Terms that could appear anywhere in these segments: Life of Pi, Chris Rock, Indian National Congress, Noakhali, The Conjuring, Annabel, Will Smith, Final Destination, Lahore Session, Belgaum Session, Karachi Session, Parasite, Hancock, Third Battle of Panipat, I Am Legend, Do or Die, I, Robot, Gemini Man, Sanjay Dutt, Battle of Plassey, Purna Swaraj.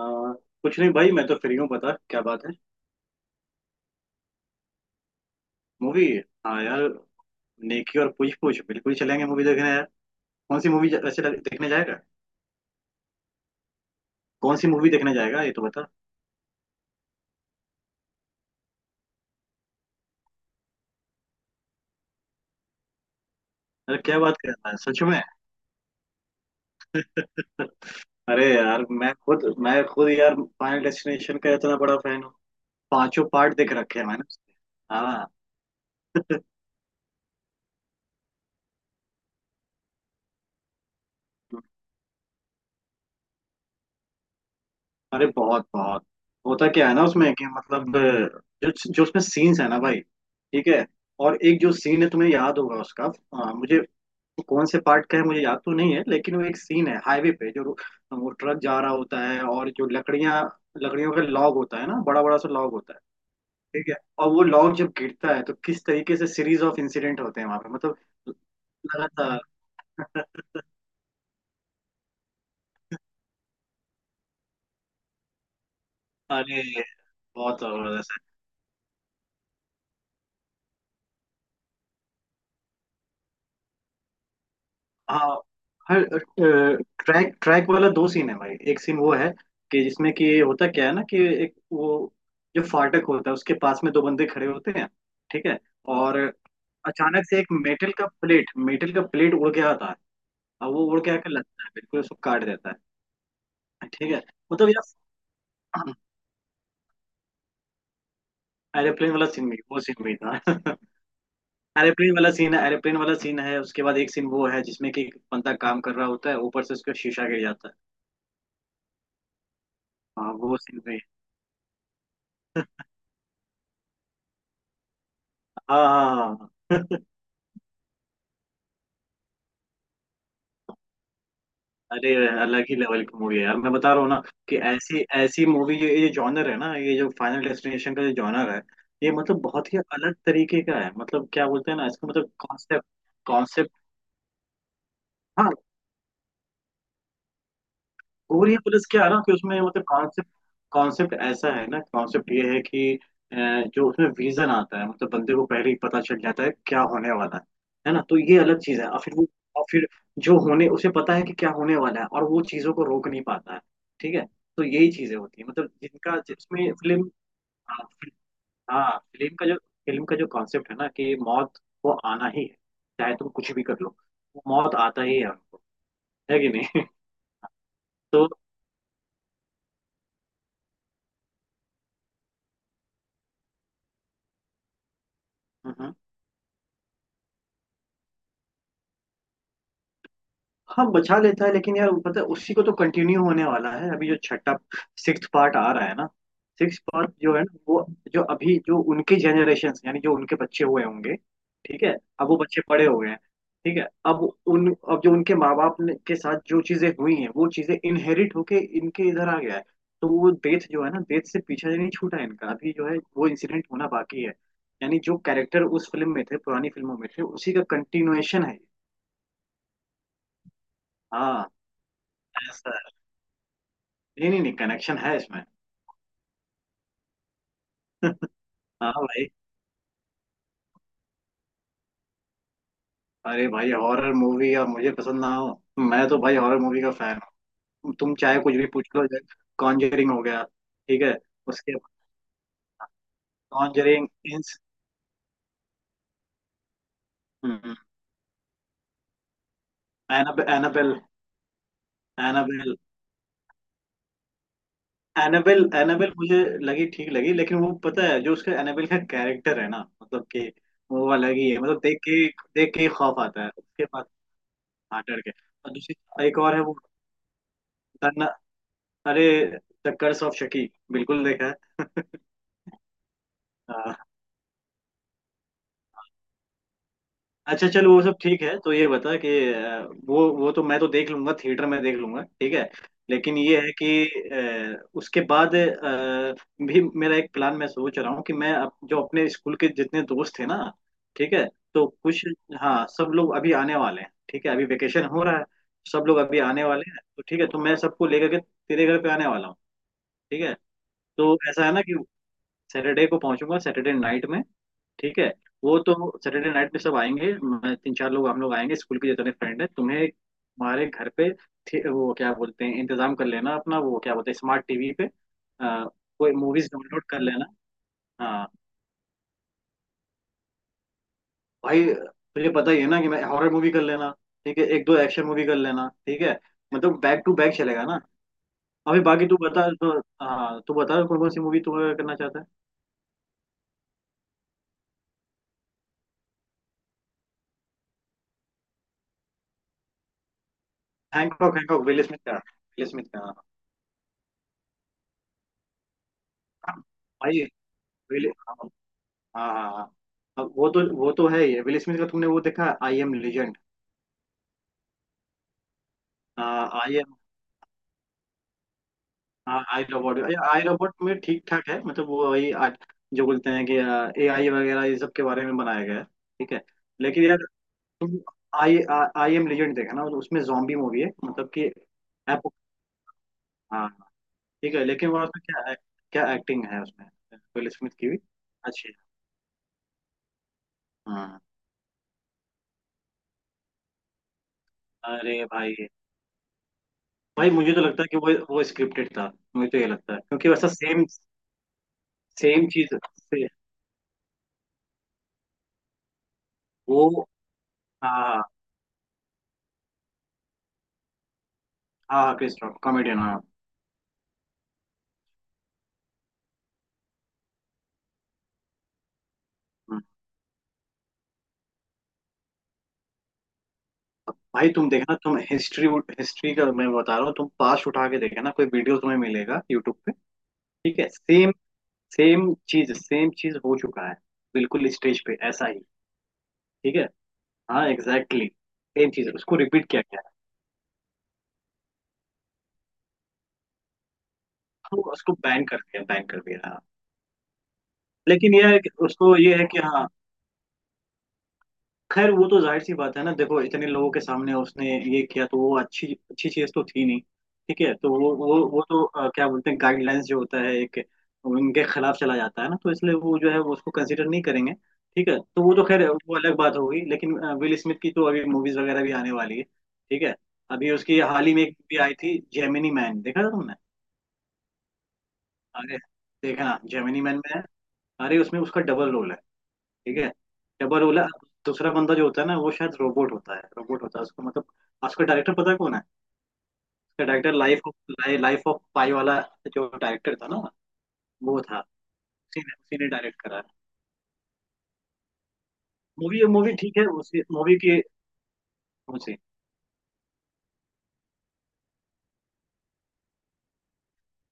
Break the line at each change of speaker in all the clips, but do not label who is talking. आ, कुछ नहीं भाई मैं तो फ्री हूँ। बता क्या बात है। मूवी। हाँ यार। नेकी और पूछ पूछ। बिल्कुल चलेंगे मूवी देखने यार। कौन सी मूवी वैसे देखने जाएगा। कौन सी मूवी देखने जाएगा ये तो बता। अरे क्या बात कर रहा है सच में। अरे यार मैं खुद यार फाइनल डेस्टिनेशन का इतना बड़ा फैन हूँ। पांचों पार्ट देख रखे हैं मैंने उसके। हाँ। अरे बहुत बहुत। होता क्या है ना उसमें, कि मतलब जो जो उसमें सीन्स है ना भाई। ठीक है। और एक जो सीन है तुम्हें याद होगा उसका। मुझे, कौन से पार्ट का है मुझे याद तो नहीं है, लेकिन वो एक सीन है हाईवे पे जो, वो ट्रक जा रहा होता है और जो लकड़ियां, लकड़ियों का लॉग होता है ना, बड़ा बड़ा सा लॉग होता है। ठीक है। और वो लॉग जब गिरता है तो किस तरीके से सीरीज ऑफ इंसिडेंट होते हैं वहां पे, मतलब लगातार। अरे बहुत जबरदस्त। हाँ, हर ट्रैक ट्रैक वाला दो सीन है भाई। एक सीन वो है कि जिसमें कि होता क्या है ना, कि एक वो, जो फाटक होता है उसके पास में दो बंदे खड़े होते हैं। ठीक है। और अचानक से एक मेटल का प्लेट उड़ के आता है। और वो उड़ के आकर लगता है, बिल्कुल उसको काट देता है। ठीक है, मतलब यार। एरोप्लेन वाला सीन भी, वो सीन भी था। एरोप्लेन वाला सीन है। उसके बाद एक सीन वो है, जिसमें कि एक बंदा काम कर रहा होता है, ऊपर से उसका शीशा गिर जाता है। हाँ वो सीन। हाँ हाँ हाँ। अरे अलग ही लेवल की मूवी है यार, मैं बता रहा हूँ ना, कि ऐसी ऐसी मूवी। जो ये जॉनर है ना, ये जो फाइनल डेस्टिनेशन का जो जॉनर है, ये मतलब बहुत ही अलग तरीके का है। मतलब क्या बोलते हैं ना इसका, मतलब कॉन्सेप्ट कॉन्सेप्ट हाँ। पूरी पुलिस क्या है ना, कि उसमें मतलब कॉन्सेप्ट कॉन्सेप्ट ऐसा है ना। कॉन्सेप्ट ये है कि अ, जो उसमें विजन आता है, मतलब बंदे को पहले ही पता चल जाता है क्या होने वाला है ना। तो ये अलग चीज है, और फिर और फिर जो होने, उसे पता है कि क्या होने वाला है, और वो चीजों को रोक नहीं पाता है। ठीक है, तो यही चीजें होती है, मतलब जिनका जिसमें फिल्म। हाँ फिल्म। हाँ, फिल्म का जो कॉन्सेप्ट है ना, कि मौत को आना ही है, चाहे तुम कुछ भी कर लो, वो मौत आता ही है हमको। है कि नहीं? तो। हम्म, हाँ बचा लेता है, लेकिन यार पता है, उसी को तो कंटिन्यू होने वाला है। अभी जो छठा सिक्स्थ पार्ट आ रहा है ना, सिक्स्थ पार्ट जो है ना वो, जो अभी जो उनके जनरेशन, यानी जो उनके बच्चे हुए होंगे, ठीक है, अब वो बच्चे बड़े हो गए हैं। ठीक है। अब उन अब जो उनके माँ बाप ने के साथ जो चीजें हुई हैं, वो चीजें इनहेरिट होके इनके इधर आ गया है। तो वो डेथ जो है ना, डेथ से पीछा नहीं छूटा है इनका। अभी जो है वो इंसिडेंट होना बाकी है। यानी जो कैरेक्टर उस फिल्म में थे, पुरानी फिल्मों में थे, उसी का कंटिन्यूएशन है। हाँ। ऐसा? नहीं नहीं नहीं, कनेक्शन है इसमें। हाँ भाई। अरे भाई, हॉरर मूवी और मुझे पसंद ना हो? मैं तो भाई हॉरर मूवी का फैन हूँ, तुम चाहे कुछ भी पूछ लो। कॉन्जरिंग हो गया। ठीक है, उसके बाद कॉन्जरिंग, इंस Annabelle Annabelle Annabelle Annabelle Annabelle मुझे लगी, ठीक लगी, लेकिन वो पता है, जो उसका एनाबेल का कैरेक्टर है ना, मतलब कि वो अलग ही है, मतलब देख के ही खौफ आता है। उसके बाद हाँ, डर के। और दूसरी एक और है, वो दन्ना- अरे, द कर्स ऑफ शकी बिल्कुल देखा है। हाँ, अच्छा चलो, वो सब ठीक है, तो ये बता कि अ, वो तो मैं तो देख लूंगा, थिएटर में देख लूंगा ठीक है। लेकिन ये है कि उसके बाद भी मेरा एक प्लान, मैं सोच रहा हूँ कि मैं जो अपने स्कूल के जितने दोस्त हैं ना, ठीक है, तो कुछ, हाँ, सब लोग अभी आने वाले हैं, ठीक है, अभी वेकेशन हो रहा है। सब लोग अभी आने वाले हैं, तो ठीक है, तो मैं सबको लेकर के तेरे घर पे आने वाला हूँ। ठीक है, तो ऐसा है ना, कि सैटरडे को पहुंचूंगा, सैटरडे नाइट में। ठीक है। वो तो सैटरडे नाइट में सब आएंगे, तीन चार लोग हम लोग आएंगे, स्कूल के जितने फ्रेंड हैं, तुम्हें हमारे घर पे वो क्या बोलते हैं, इंतजाम कर लेना अपना, वो क्या बोलते हैं, स्मार्ट टीवी पे आ, कोई मूवीज डाउनलोड कर लेना। हाँ भाई, तुझे पता ही है ना कि मैं, हॉरर मूवी कर लेना, ठीक है, एक दो एक्शन मूवी कर लेना, ठीक है, मतलब बैक टू बैक चलेगा ना। अभी बाकी तू बता तो। हाँ तू बता, कौन कौन सी मूवी तू करना चाहता है। हैंकॉक, हैंकॉक विल स्मिथ का, विल स्मिथ का हाँ। भाई विल हाँ, हाँ हाँ हाँ। अब वो तो है ही है विल स्मिथ का। तुमने वो देखा, I Am Legend? I Am I Robot I Robot में ठीक ठाक है, मतलब वो वही आज जो बोलते हैं कि ए आई वगैरह, ये सब के बारे में बनाया गया है। ठीक है, लेकिन यार तुम आई आई एम लेजेंड देखा ना, तो उसमें जॉम्बी मूवी है, मतलब कि एप। हाँ हाँ। ठीक है, लेकिन वो उसमें क्या क्या एक्टिंग है, उसमें विल स्मिथ की भी अच्छी है। हाँ। अरे भाई भाई, मुझे तो लगता है कि वो स्क्रिप्टेड था, मुझे तो ये लगता है, क्योंकि वैसा सेम सेम चीज से वो। हाँ हाँ, क्रिस रॉक कॉमेडियन हाँ हम्म। भाई तुम देखना, तुम हिस्ट्री हिस्ट्री का मैं बता रहा हूँ, तुम पास उठा के देखना, कोई वीडियो तुम्हें मिलेगा यूट्यूब पे। ठीक है, सेम सेम चीज, सेम चीज हो चुका है, बिल्कुल स्टेज पे ऐसा ही। ठीक है। हाँ एग्जैक्टली, सेम चीज उसको रिपीट किया गया है। तो उसको बैन कर दिया, बैन कर दिया हाँ। लेकिन यह है कि उसको, ये है कि हाँ, खैर वो तो जाहिर सी बात है ना, देखो, इतने लोगों के सामने उसने ये किया, तो वो अच्छी अच्छी चीज तो थी नहीं। ठीक है, तो वो तो क्या बोलते हैं, गाइडलाइंस जो होता है एक, उनके खिलाफ चला जाता है ना, तो इसलिए वो जो है वो उसको कंसिडर नहीं करेंगे। ठीक है, तो वो तो खैर वो अलग बात होगी, लेकिन विल स्मिथ की तो अभी मूवीज वगैरह भी आने वाली है, ठीक है। अभी उसकी हाल ही में एक भी आई थी, जेमिनी मैन, देखा था तुमने? अरे देखना, जेमिनी मैन में है। अरे उसमें उसका डबल रोल है। ठीक है, डबल ओला, दूसरा बंदा जो होता है ना, वो शायद रोबोट होता है, रोबोट होता है उसको मतलब। आज उसका डायरेक्टर पता है कौन है? उसका डायरेक्टर, लाइफ ऑफ पाई वाला जो डायरेक्टर था ना, वो था। उसी ने डायरेक्ट करा है। मूवी मूवी ठीक है, उसी मूवी की, उसी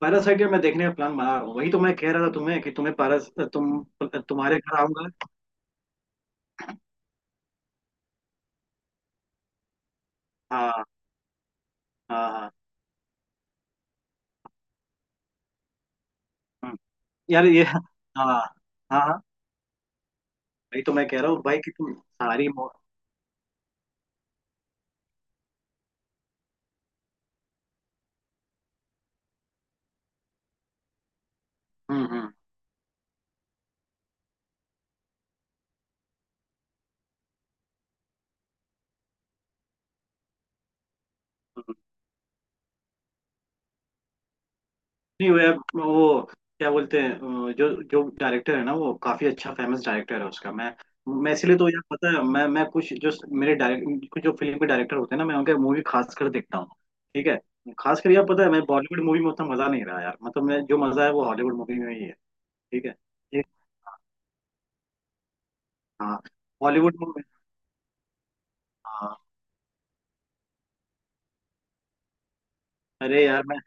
पैरासाइट। मैं देखने का प्लान बना रहा हूँ, वही तो मैं कह रहा था तुम्हें, कि तुम्हें पैरा तुम तुम्हारे घर आऊंगा। हाँ हाँ हाँ हम्म। यार ये, हाँ हाँ हाँ, वही तो मैं कह रहा हूँ भाई कि तुम सारी हम्म। नहीं वो यार, वो क्या बोलते हैं, जो जो डायरेक्टर है ना, वो काफी अच्छा फेमस डायरेक्टर है उसका। मैं इसलिए तो यार पता है, मैं कुछ जो मेरे डायरेक्ट, कुछ जो फिल्म के डायरेक्टर होते हैं ना, मैं उनके मूवी खास कर देखता हूँ। ठीक है, खास कर यार पता है, मैं बॉलीवुड मूवी में उतना मजा नहीं रहा यार, मतलब मैं, जो मजा है वो हॉलीवुड मूवी में ही है। ठीक है, एक- हाँ। बॉलीवुड मूवी, हाँ अरे यार मैं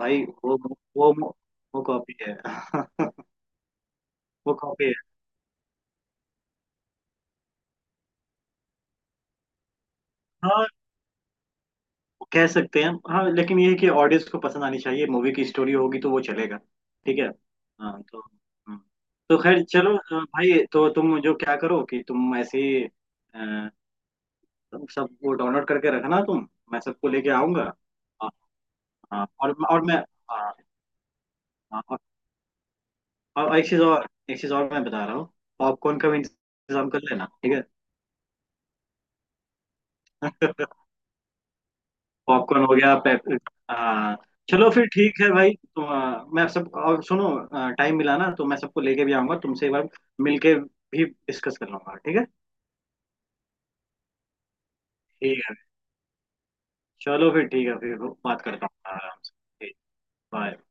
भाई वो वो कॉपी है। वो कॉपी है। हाँ, कह सकते हैं हाँ, लेकिन ये है कि ऑडियंस को पसंद आनी चाहिए, मूवी की स्टोरी होगी तो वो चलेगा। ठीक है। हाँ तो। हाँ। तो खैर चलो, भाई तो तुम जो क्या करो, कि तुम ऐसे ही अ, तुम सब वो डाउनलोड करके रखना तुम, मैं सबको लेके आऊंगा। हाँ हाँ, और मैं, हाँ हाँ, और एक चीज, और एक चीज और मैं बता रहा हूँ, पॉपकॉर्न का भी इंतजाम कर लेना ठीक है। पॉपकॉर्न हो गया, पेप हाँ। चलो फिर ठीक है भाई। तो मैं सब, और सुनो, टाइम मिला ना तो मैं सबको लेके भी आऊंगा, तुमसे एक बार मिलके भी डिस्कस कर लूंगा ठीक है। ठीक है, चलो फिर ठीक है फिर, बात करता हूँ आराम से। ठीक, bye.